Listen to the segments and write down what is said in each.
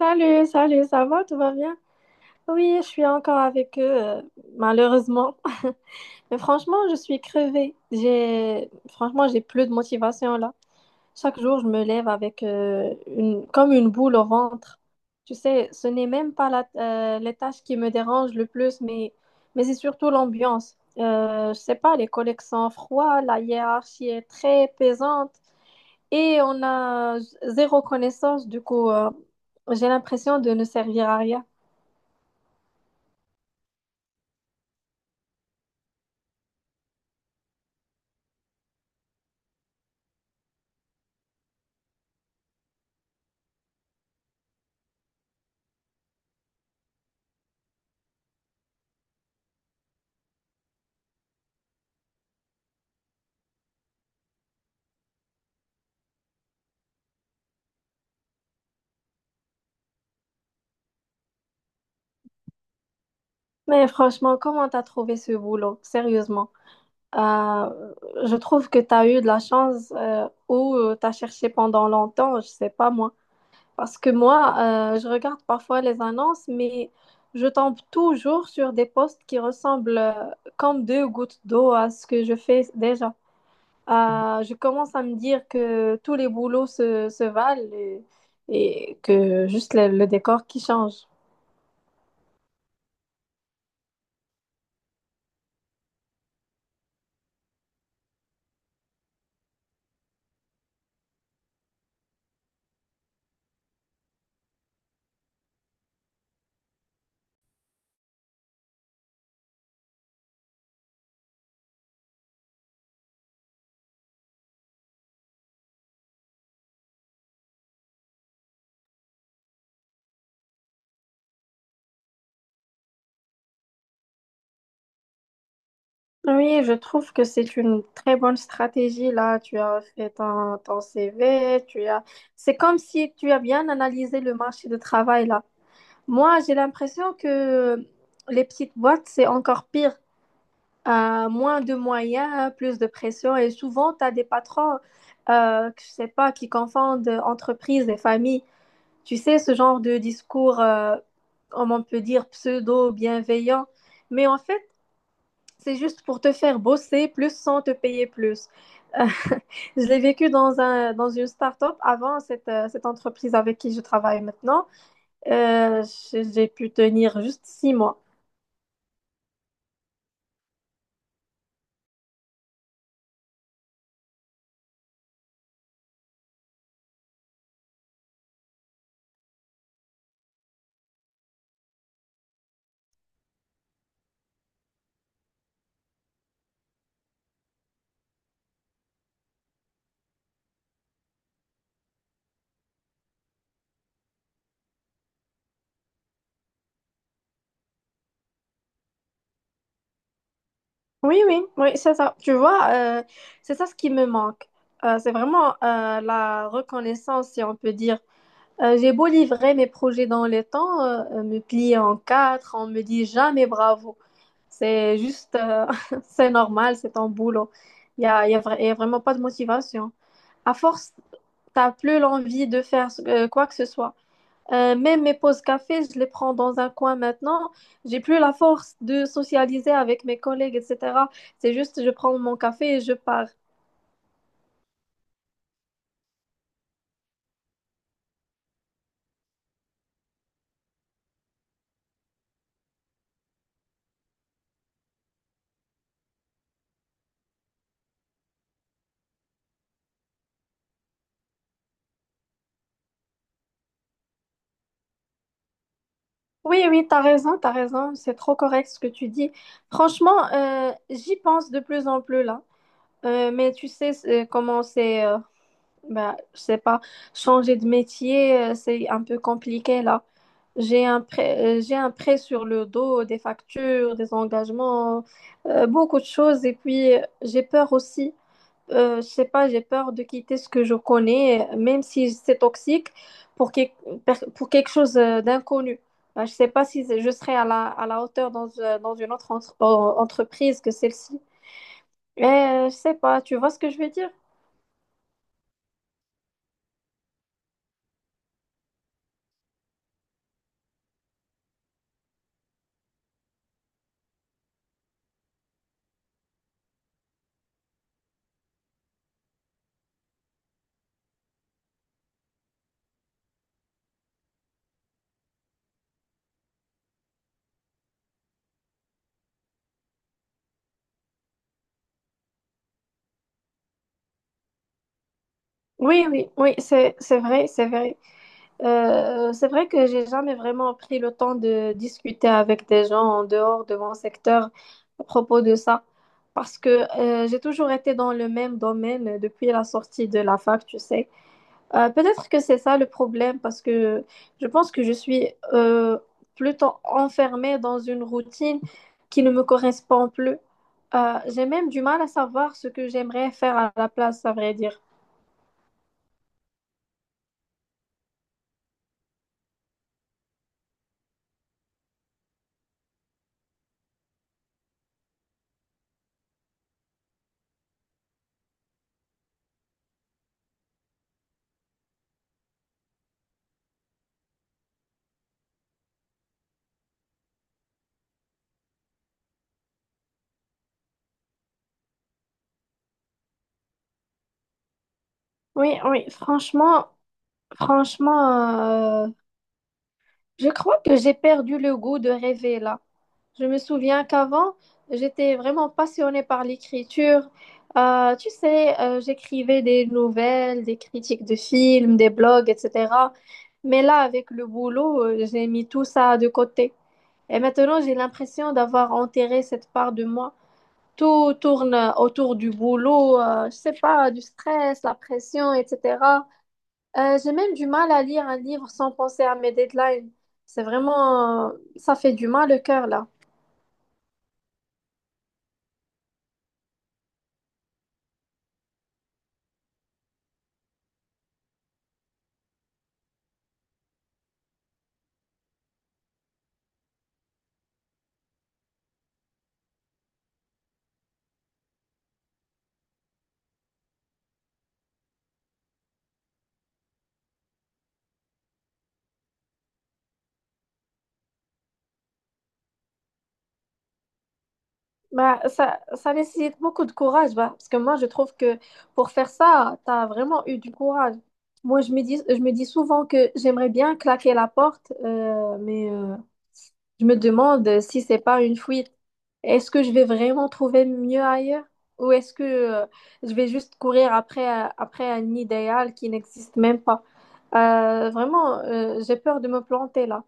Salut, salut, ça va, tout va bien? Oui, je suis encore avec eux, malheureusement. Mais franchement, je suis crevée. Franchement, j'ai plus de motivation là. Chaque jour, je me lève avec comme une boule au ventre. Tu sais, ce n'est même pas les tâches qui me dérangent le plus, mais c'est surtout l'ambiance. Je sais pas, les collègues sont froids, la hiérarchie est très pesante et on a zéro connaissance. Du coup, j'ai l'impression de ne servir à rien. Mais franchement, comment t'as trouvé ce boulot? Sérieusement. Euh, je trouve que t'as eu de la chance ou t'as cherché pendant longtemps, je sais pas moi. Parce que moi, je regarde parfois les annonces, mais je tombe toujours sur des postes qui ressemblent comme deux gouttes d'eau à ce que je fais déjà. Je commence à me dire que tous les boulots se valent et que juste le décor qui change. Oui, je trouve que c'est une très bonne stratégie là. Tu as fait ton CV, tu as. C'est comme si tu as bien analysé le marché de travail là. Moi, j'ai l'impression que les petites boîtes, c'est encore pire. Moins de moyens, plus de pression. Et souvent, tu as des patrons, que je sais pas, qui confondent entreprise et famille. Tu sais, ce genre de discours, comme on peut dire, pseudo-bienveillant. Mais en fait, c'est juste pour te faire bosser plus sans te payer plus. Euh, je l'ai vécu dans dans une start-up avant cette entreprise avec qui je travaille maintenant. Euh, j'ai pu tenir juste 6 mois. Oui, oui, oui, c'est ça. Tu vois, c'est ça ce qui me manque. C'est vraiment la reconnaissance, si on peut dire. J'ai beau livrer mes projets dans les temps, me plier en quatre, on me dit jamais bravo. C'est juste, c'est normal, c'est ton boulot. Il n'y a, y a vra- Y a vraiment pas de motivation. À force, t'as plus l'envie de faire quoi que ce soit. Même mes pauses café, je les prends dans un coin maintenant. J'ai plus la force de socialiser avec mes collègues, etc. C'est juste, je prends mon café et je pars. Oui, oui, t'as raison, t'as raison. C'est trop correct ce que tu dis. Franchement, j'y pense de plus en plus là. Mais tu sais comment c'est. Bah, je sais pas, changer de métier, c'est un peu compliqué là. J'ai un prêt sur le dos, des factures, des engagements, beaucoup de choses. Et puis, j'ai peur aussi, je sais pas, j'ai peur de quitter ce que je connais, même si c'est toxique, pour, quel- pour quelque chose d'inconnu. Bah, je sais pas si je serai à la hauteur dans une autre entreprise que celle-ci. Mais je sais pas, tu vois ce que je veux dire? Oui, oui, oui, c'est vrai, c'est vrai. C'est vrai que j'ai jamais vraiment pris le temps de discuter avec des gens en dehors de mon secteur à propos de ça, parce que j'ai toujours été dans le même domaine depuis la sortie de la fac, tu sais. Peut-être que c'est ça le problème, parce que je pense que je suis euh, plutôt enfermée dans une routine qui ne me correspond plus. J'ai même du mal à savoir ce que j'aimerais faire à la place, à vrai dire. Oui, oui, franchement. Je crois que j'ai perdu le goût de rêver là. Je me souviens qu'avant, j'étais vraiment passionnée par l'écriture. Tu sais, j'écrivais des nouvelles, des critiques de films, des blogs, etc. Mais là, avec le boulot, j'ai mis tout ça de côté. Et maintenant, j'ai l'impression d'avoir enterré cette part de moi. Tout tourne autour du boulot, je sais pas, du stress, la pression, etc. J'ai même du mal à lire un livre sans penser à mes deadlines. C'est vraiment... Ça fait du mal au cœur, là. Bah, ça nécessite beaucoup de courage, bah, parce que moi, je trouve que pour faire ça, tu as vraiment eu du courage. Moi, je me dis souvent que j'aimerais bien claquer la porte, mais... Je me demande si c'est pas une fuite. Est-ce que je vais vraiment trouver mieux ailleurs? Ou est-ce que je vais juste courir après, après un idéal qui n'existe même pas? Vraiment, j'ai peur de me planter là.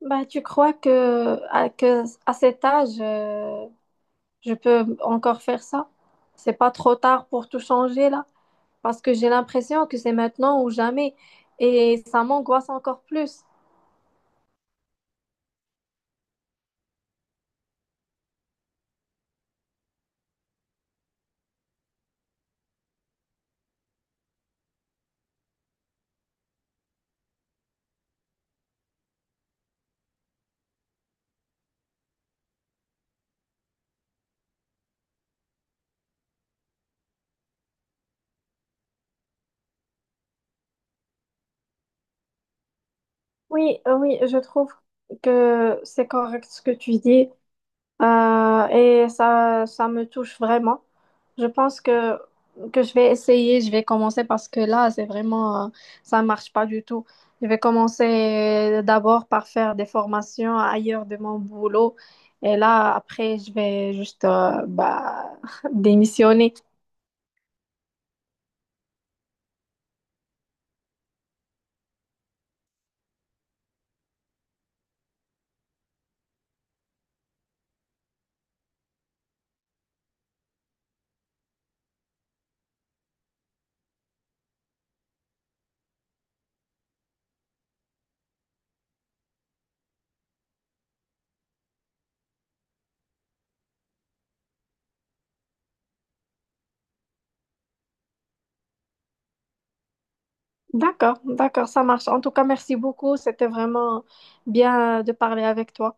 Bah, tu crois que à cet âge, je peux encore faire ça? C'est pas trop tard pour tout changer là? Parce que j'ai l'impression que c'est maintenant ou jamais. Et ça m'angoisse encore plus. Oui, oui, je trouve que c'est correct ce que tu dis et ça me touche vraiment. Je pense que je vais essayer, je vais commencer parce que là, c'est vraiment, ça marche pas du tout. Je vais commencer d'abord par faire des formations ailleurs de mon boulot et là, après, je vais juste bah, démissionner. D'accord, d'accord, ça marche. En tout cas, merci beaucoup. C'était vraiment bien de parler avec toi.